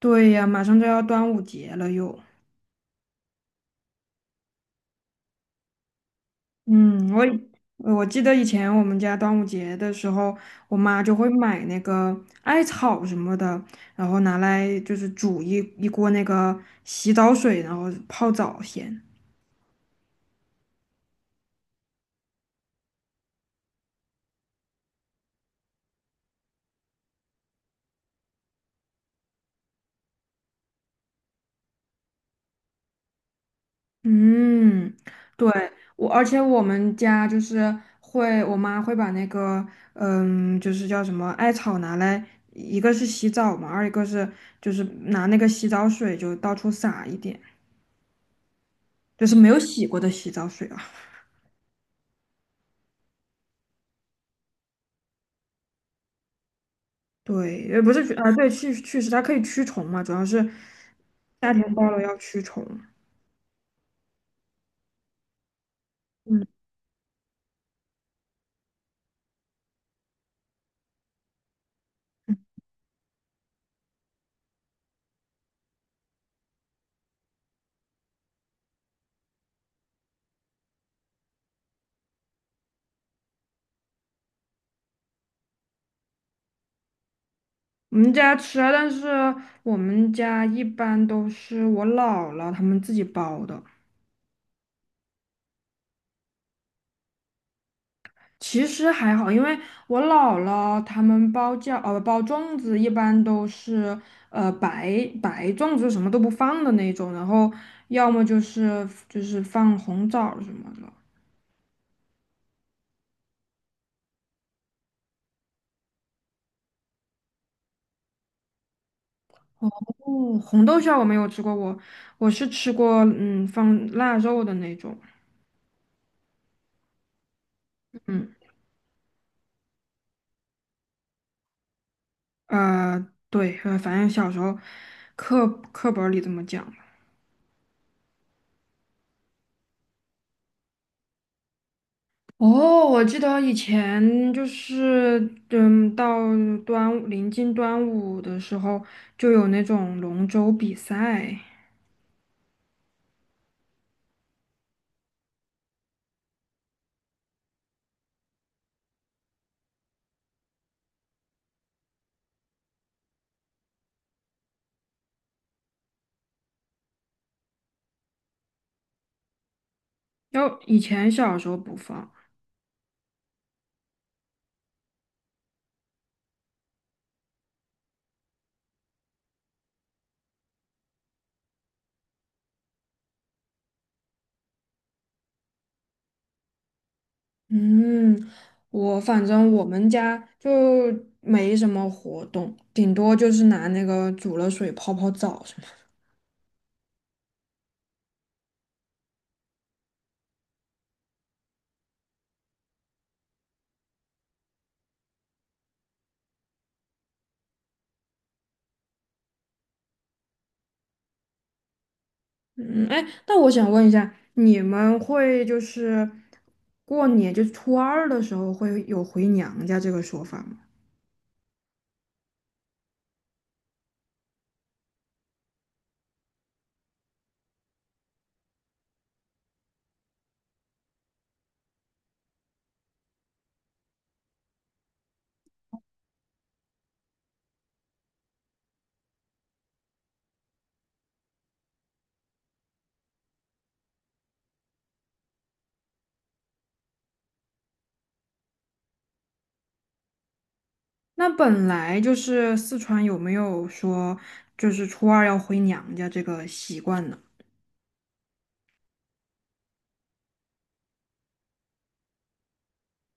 对呀，马上就要端午节了又。嗯，我以我记得以前我们家端午节的时候，我妈就会买那个艾草什么的，然后拿来就是煮一锅那个洗澡水，然后泡澡先。嗯，对，而且我们家就是会，我妈会把那个，嗯，就是叫什么艾草拿来，一个是洗澡嘛，二一个是就是拿那个洗澡水就到处撒一点。就是没有洗过的洗澡水啊。对，也不是去啊，对，去湿，它可以驱虫嘛，主要是夏天到了要驱虫。嗯，我们家吃啊，但是我们家一般都是我姥姥他们自己包的。其实还好，因为我姥姥他们包粽子一般都是白粽子，什么都不放的那种，然后要么就是放红枣什么的。哦，红豆馅儿我没有吃过，我是吃过，嗯，放腊肉的那种。嗯，对，反正小时候课课本儿里这么讲吧。哦，我记得以前就是，嗯，到临近端午的时候，就有那种龙舟比赛，要以前小时候不放。嗯，我反正我们家就没什么活动，顶多就是拿那个煮了水泡泡澡什么的。嗯，哎，那我想问一下，你们会就是过年，就是初二的时候会有回娘家这个说法吗？那本来就是四川有没有说就是初二要回娘家这个习惯呢？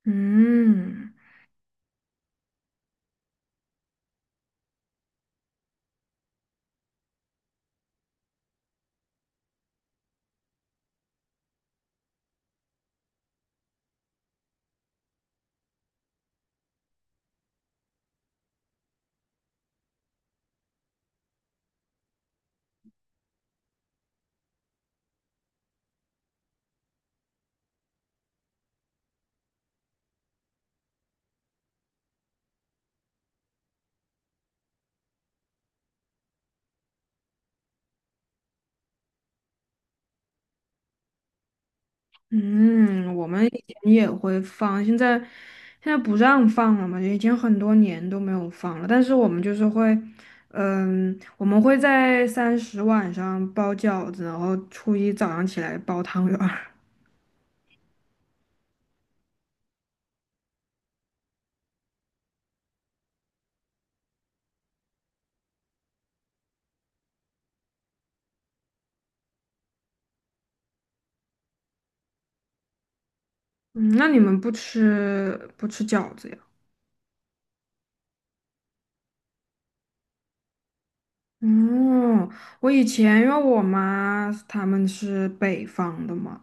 嗯。嗯，我们以前也会放，现在不让放了嘛，已经很多年都没有放了。但是我们就是会，嗯，我们会在三十晚上包饺子，然后初一早上起来包汤圆儿。嗯，那你们不吃饺子呀？嗯，我以前因为我妈他们是北方的嘛，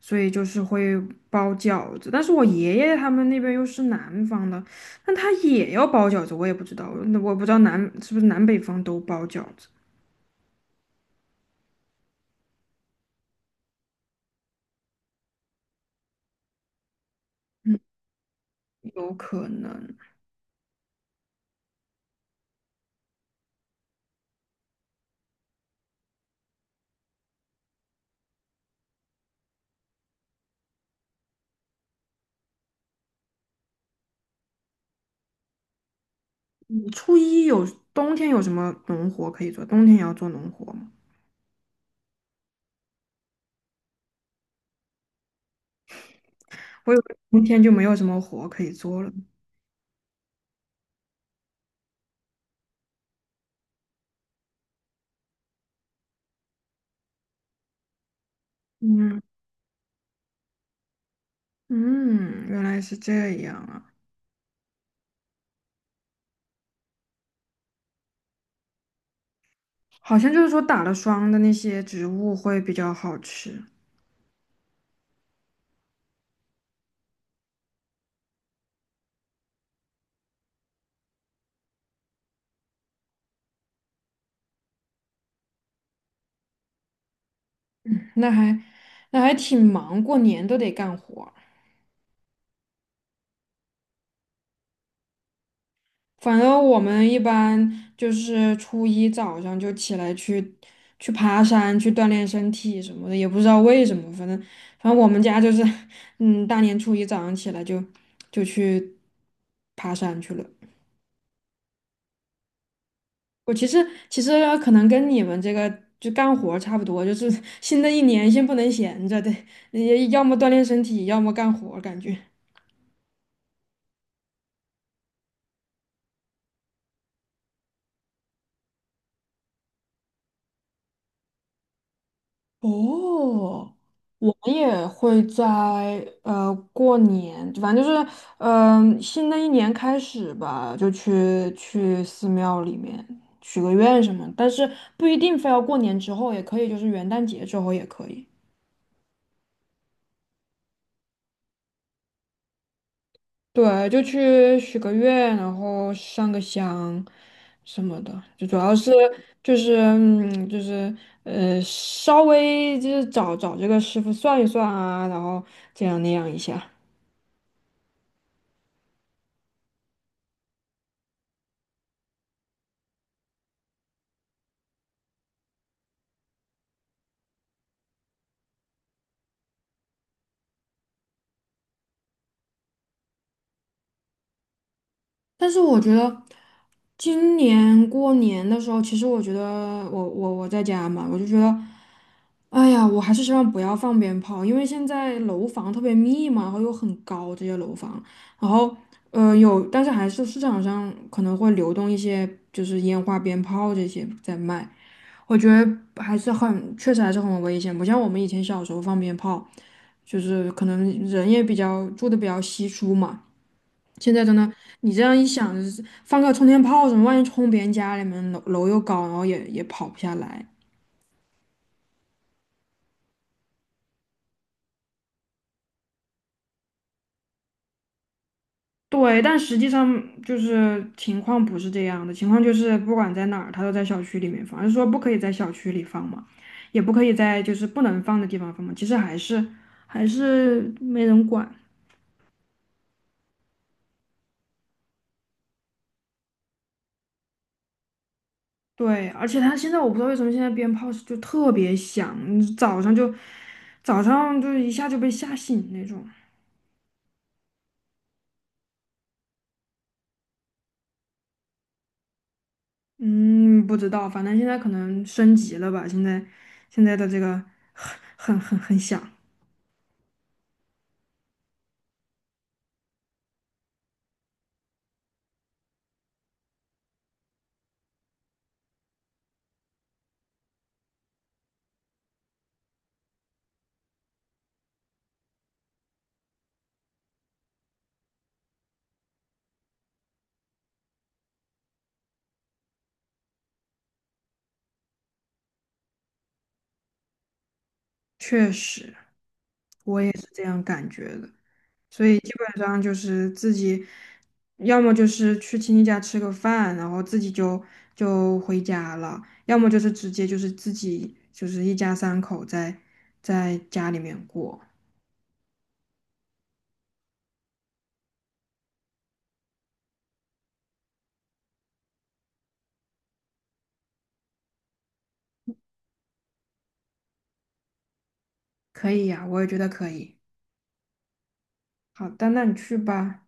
所以就是会包饺子。但是我爷爷他们那边又是南方的，那他也要包饺子，我也不知道，那我不知道南是不是南北方都包饺子。嗯初一有冬天有什么农活可以做？冬天也要做农活吗？我以为冬天就没有什么活可以做了。嗯嗯，原来是这样啊。好像就是说打了霜的那些植物会比较好吃。嗯那还那还挺忙，过年都得干活儿。反正我们一般就是初一早上就起来去爬山，去锻炼身体什么的，也不知道为什么，反正我们家就是，嗯，大年初一早上起来就去爬山去了。我其实其实可能跟你们这个就干活儿差不多，就是新的一年先不能闲着，得也要么锻炼身体，要么干活儿感觉。哦，我们也会在过年，反正就是新的一年开始吧，就去寺庙里面许个愿什么，但是不一定非要过年之后，也可以就是元旦节之后也可以。对，就去许个愿，然后上个香什么的，就主要是就是嗯就是稍微就是找找这个师傅算一算啊，然后这样那样一下。但是我觉得今年过年的时候，其实我觉得我在家嘛，我就觉得，哎呀，我还是希望不要放鞭炮，因为现在楼房特别密嘛，然后又很高这些楼房，然后但是还是市场上可能会流动一些就是烟花鞭炮这些在卖，我觉得还是很，确实还是很危险，不像我们以前小时候放鞭炮，就是可能人也比较住的比较稀疏嘛。现在真的，你这样一想，就是放个冲天炮什么，万一冲别人家里面楼又高，然后也跑不下来。对，但实际上就是情况不是这样的，情况就是不管在哪儿，它都在小区里面放，就是说不可以在小区里放嘛，也不可以在就是不能放的地方放嘛，其实还是没人管。对，而且他现在我不知道为什么现在鞭炮是就特别响，你早上就一下就被吓醒那种。嗯，不知道，反正现在可能升级了吧？现在的这个很很响。确实，我也是这样感觉的。所以基本上就是自己，要么就是去亲戚家吃个饭，然后自己就就回家了；要么就是直接就是自己就是一家三口在家里面过。可以呀，我也觉得可以。好的，那你去吧。